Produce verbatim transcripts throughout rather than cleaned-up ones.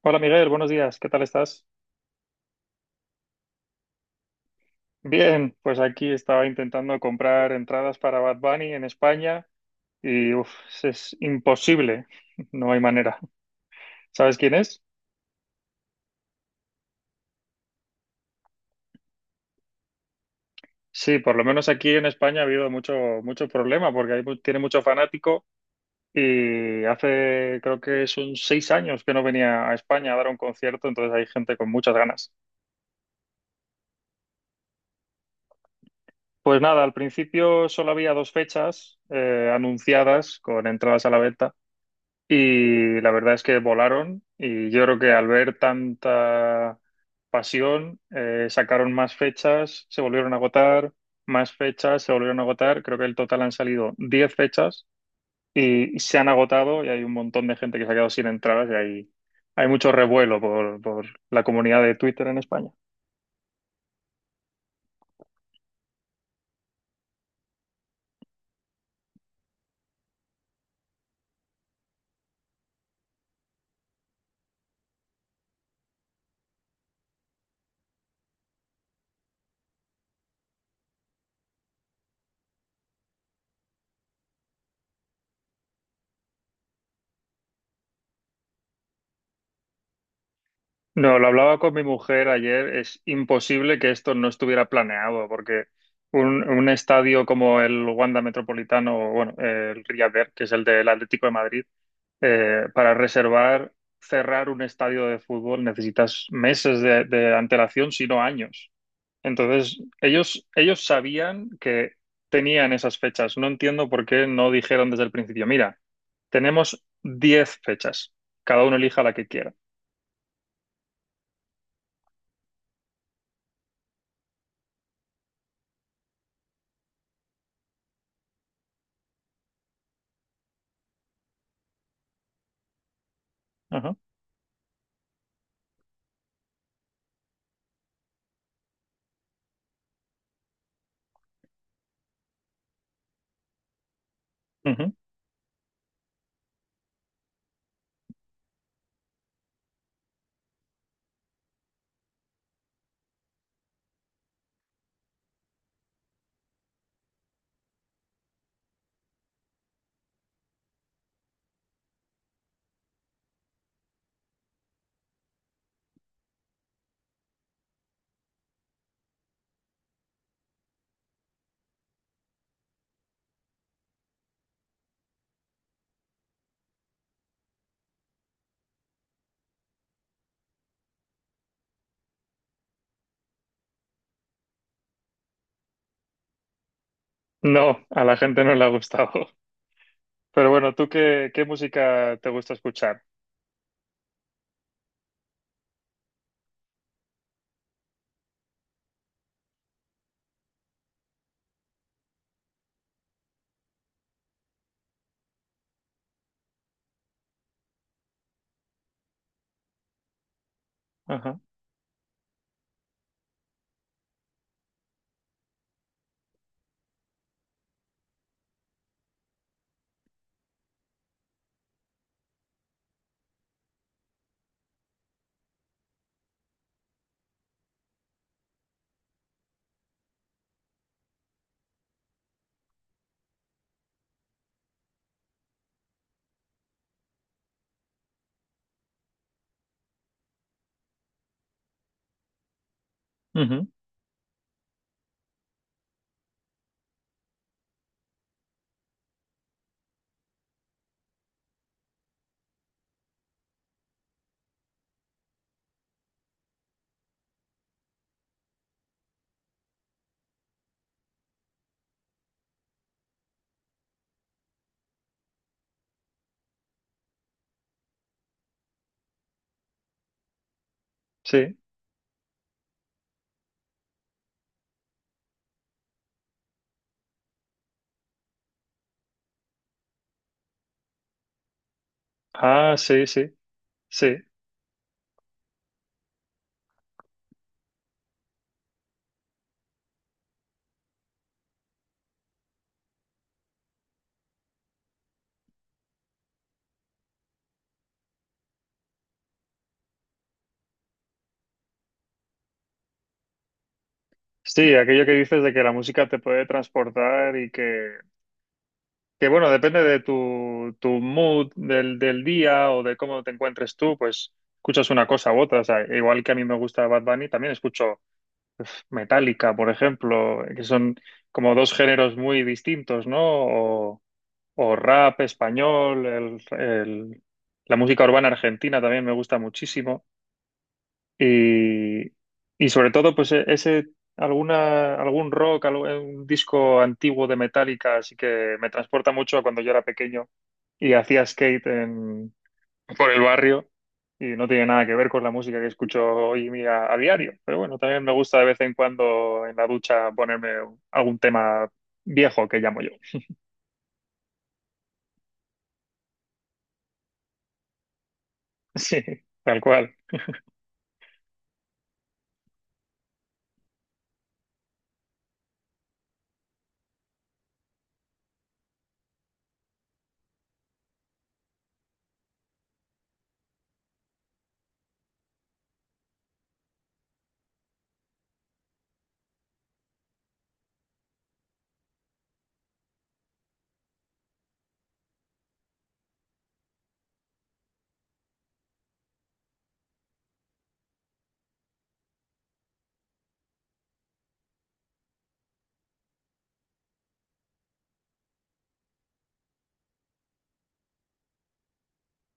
Hola Miguel, buenos días, ¿qué tal estás? Bien, pues aquí estaba intentando comprar entradas para Bad Bunny en España y uf, es imposible, no hay manera. ¿Sabes quién es? Sí, por lo menos aquí en España ha habido mucho, mucho problema porque hay, mu- tiene mucho fanático y hace creo que son seis años que no venía a España a dar un concierto, entonces hay gente con muchas ganas. Pues nada, al principio solo había dos fechas eh, anunciadas con entradas a la venta. Y la verdad es que volaron y yo creo que al ver tanta pasión, eh, sacaron más fechas, se volvieron a agotar, más fechas, se volvieron a agotar. Creo que el total han salido diez fechas y, y se han agotado y hay un montón de gente que se ha quedado sin entradas y hay, hay mucho revuelo por, por la comunidad de Twitter en España. No, lo hablaba con mi mujer ayer. Es imposible que esto no estuviera planeado, porque un, un estadio como el Wanda Metropolitano, o bueno, el Riad Air, que es el del Atlético de Madrid, eh, para reservar, cerrar un estadio de fútbol necesitas meses de, de antelación, si no años. Entonces, ellos, ellos sabían que tenían esas fechas. No entiendo por qué no dijeron desde el principio, mira, tenemos diez fechas, cada uno elija la que quiera. Ajá. No, a la gente no le ha gustado. Pero bueno, ¿tú qué, qué música te gusta escuchar? Ajá. Ujú. Sí. Ah, sí, sí, sí. Sí, aquello que dices de que la música te puede transportar y que, que bueno, depende de tu, tu mood del, del día o de cómo te encuentres tú, pues escuchas una cosa u otra. O sea, igual que a mí me gusta Bad Bunny, también escucho Metallica, por ejemplo, que son como dos géneros muy distintos, ¿no? O rap español, el- el- la música urbana argentina también me gusta muchísimo. Y, y sobre todo, pues e- ese, alguna, algún rock, algo- eh, un disco antiguo de Metallica, así que me transporta mucho a cuando yo era pequeño y hacía skate en- por el barrio. Y no tiene nada que ver con la música que escucho hoy en día a diario. Pero bueno, también me gusta de vez en cuando en la ducha ponerme algún tema viejo que llamo yo. Sí, tal cual.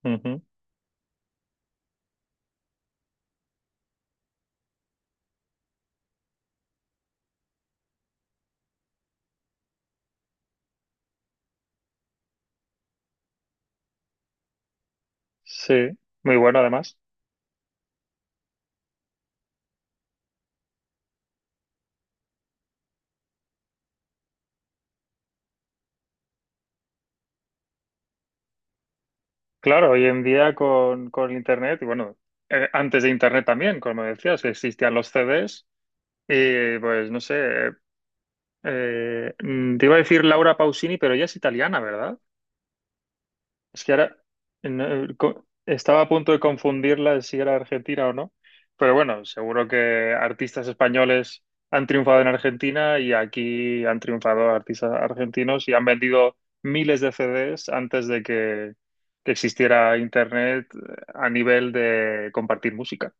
Ujú. Sí, muy bueno además. Claro, hoy en día con, con Internet, y bueno, eh, antes de Internet también, como decías, existían los C Ds y pues no sé, eh, mm, te iba a decir Laura Pausini, pero ella es italiana, ¿verdad? Es que ahora no, co- estaba a punto de confundirla de si era Argentina o no, pero bueno, seguro que artistas españoles han triunfado en Argentina y aquí han triunfado artistas argentinos y han vendido miles de C Ds antes de que, que existiera Internet eh, a nivel de compartir música.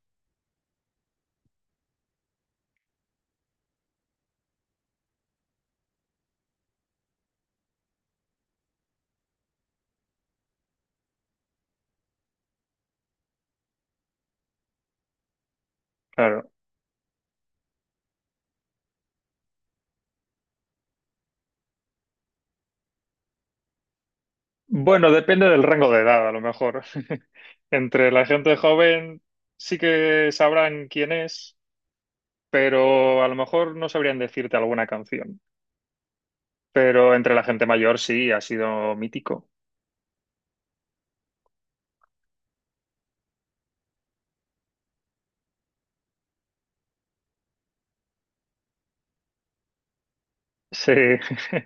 Claro. Bueno, depende del rango de edad, a lo mejor. Entre la gente joven sí que sabrán quién es, pero a lo mejor no sabrían decirte alguna canción. Pero entre la gente mayor sí, ha sido mítico. Sí.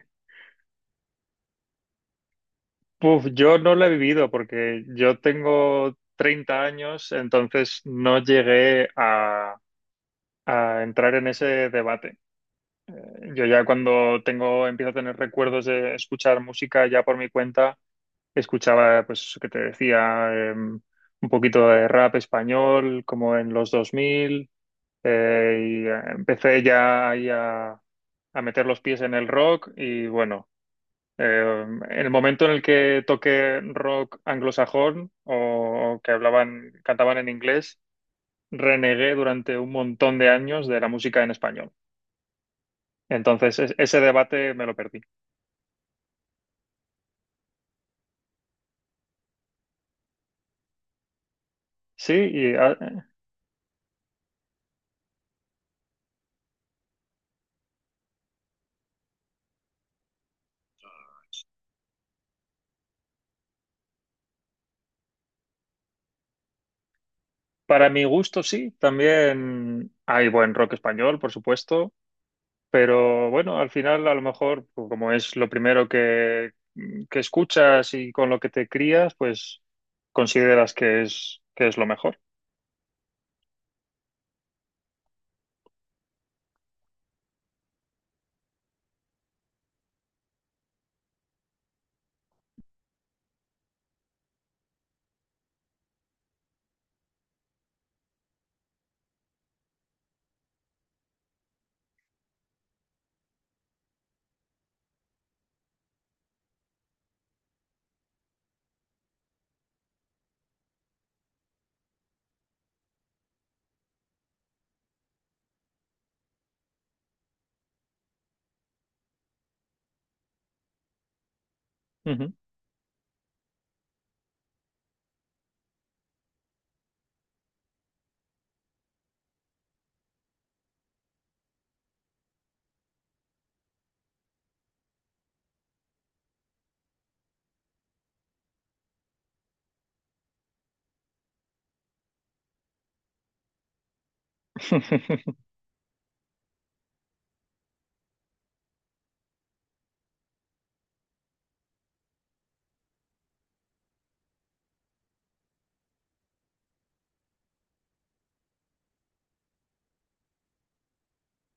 Puf, yo no lo he vivido porque yo tengo treinta años, entonces no llegué a, a entrar en ese debate. Yo ya cuando tengo, empiezo a tener recuerdos de escuchar música ya por mi cuenta, escuchaba, pues, eso que te decía, em, un poquito de rap español, como en los dos mil. Eh, y eh, empecé ya ahí a, a meter los pies en el rock y bueno, eh, en el momento en el que toqué rock anglosajón o que hablaban, cantaban en inglés, renegué durante un montón de años de la música en español. Entonces, es- ese debate me lo perdí. Sí, y ah, para mi gusto sí, también hay buen rock español, por supuesto. Pero bueno, al final a lo mejor, pues, como es lo primero que, que escuchas y con lo que te crías, pues consideras que es, que es lo mejor. Ujú.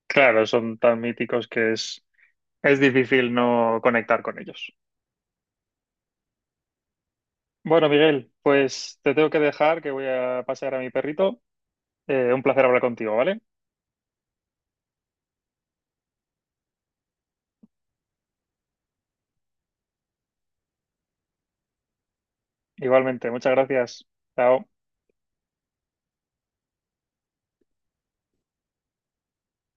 Claro, son tan míticos que es, es difícil no conectar con ellos. Bueno, Miguel, pues te tengo que dejar, que voy a pasear a mi perrito. Eh, un placer hablar contigo, ¿vale? Igualmente, muchas gracias. Chao.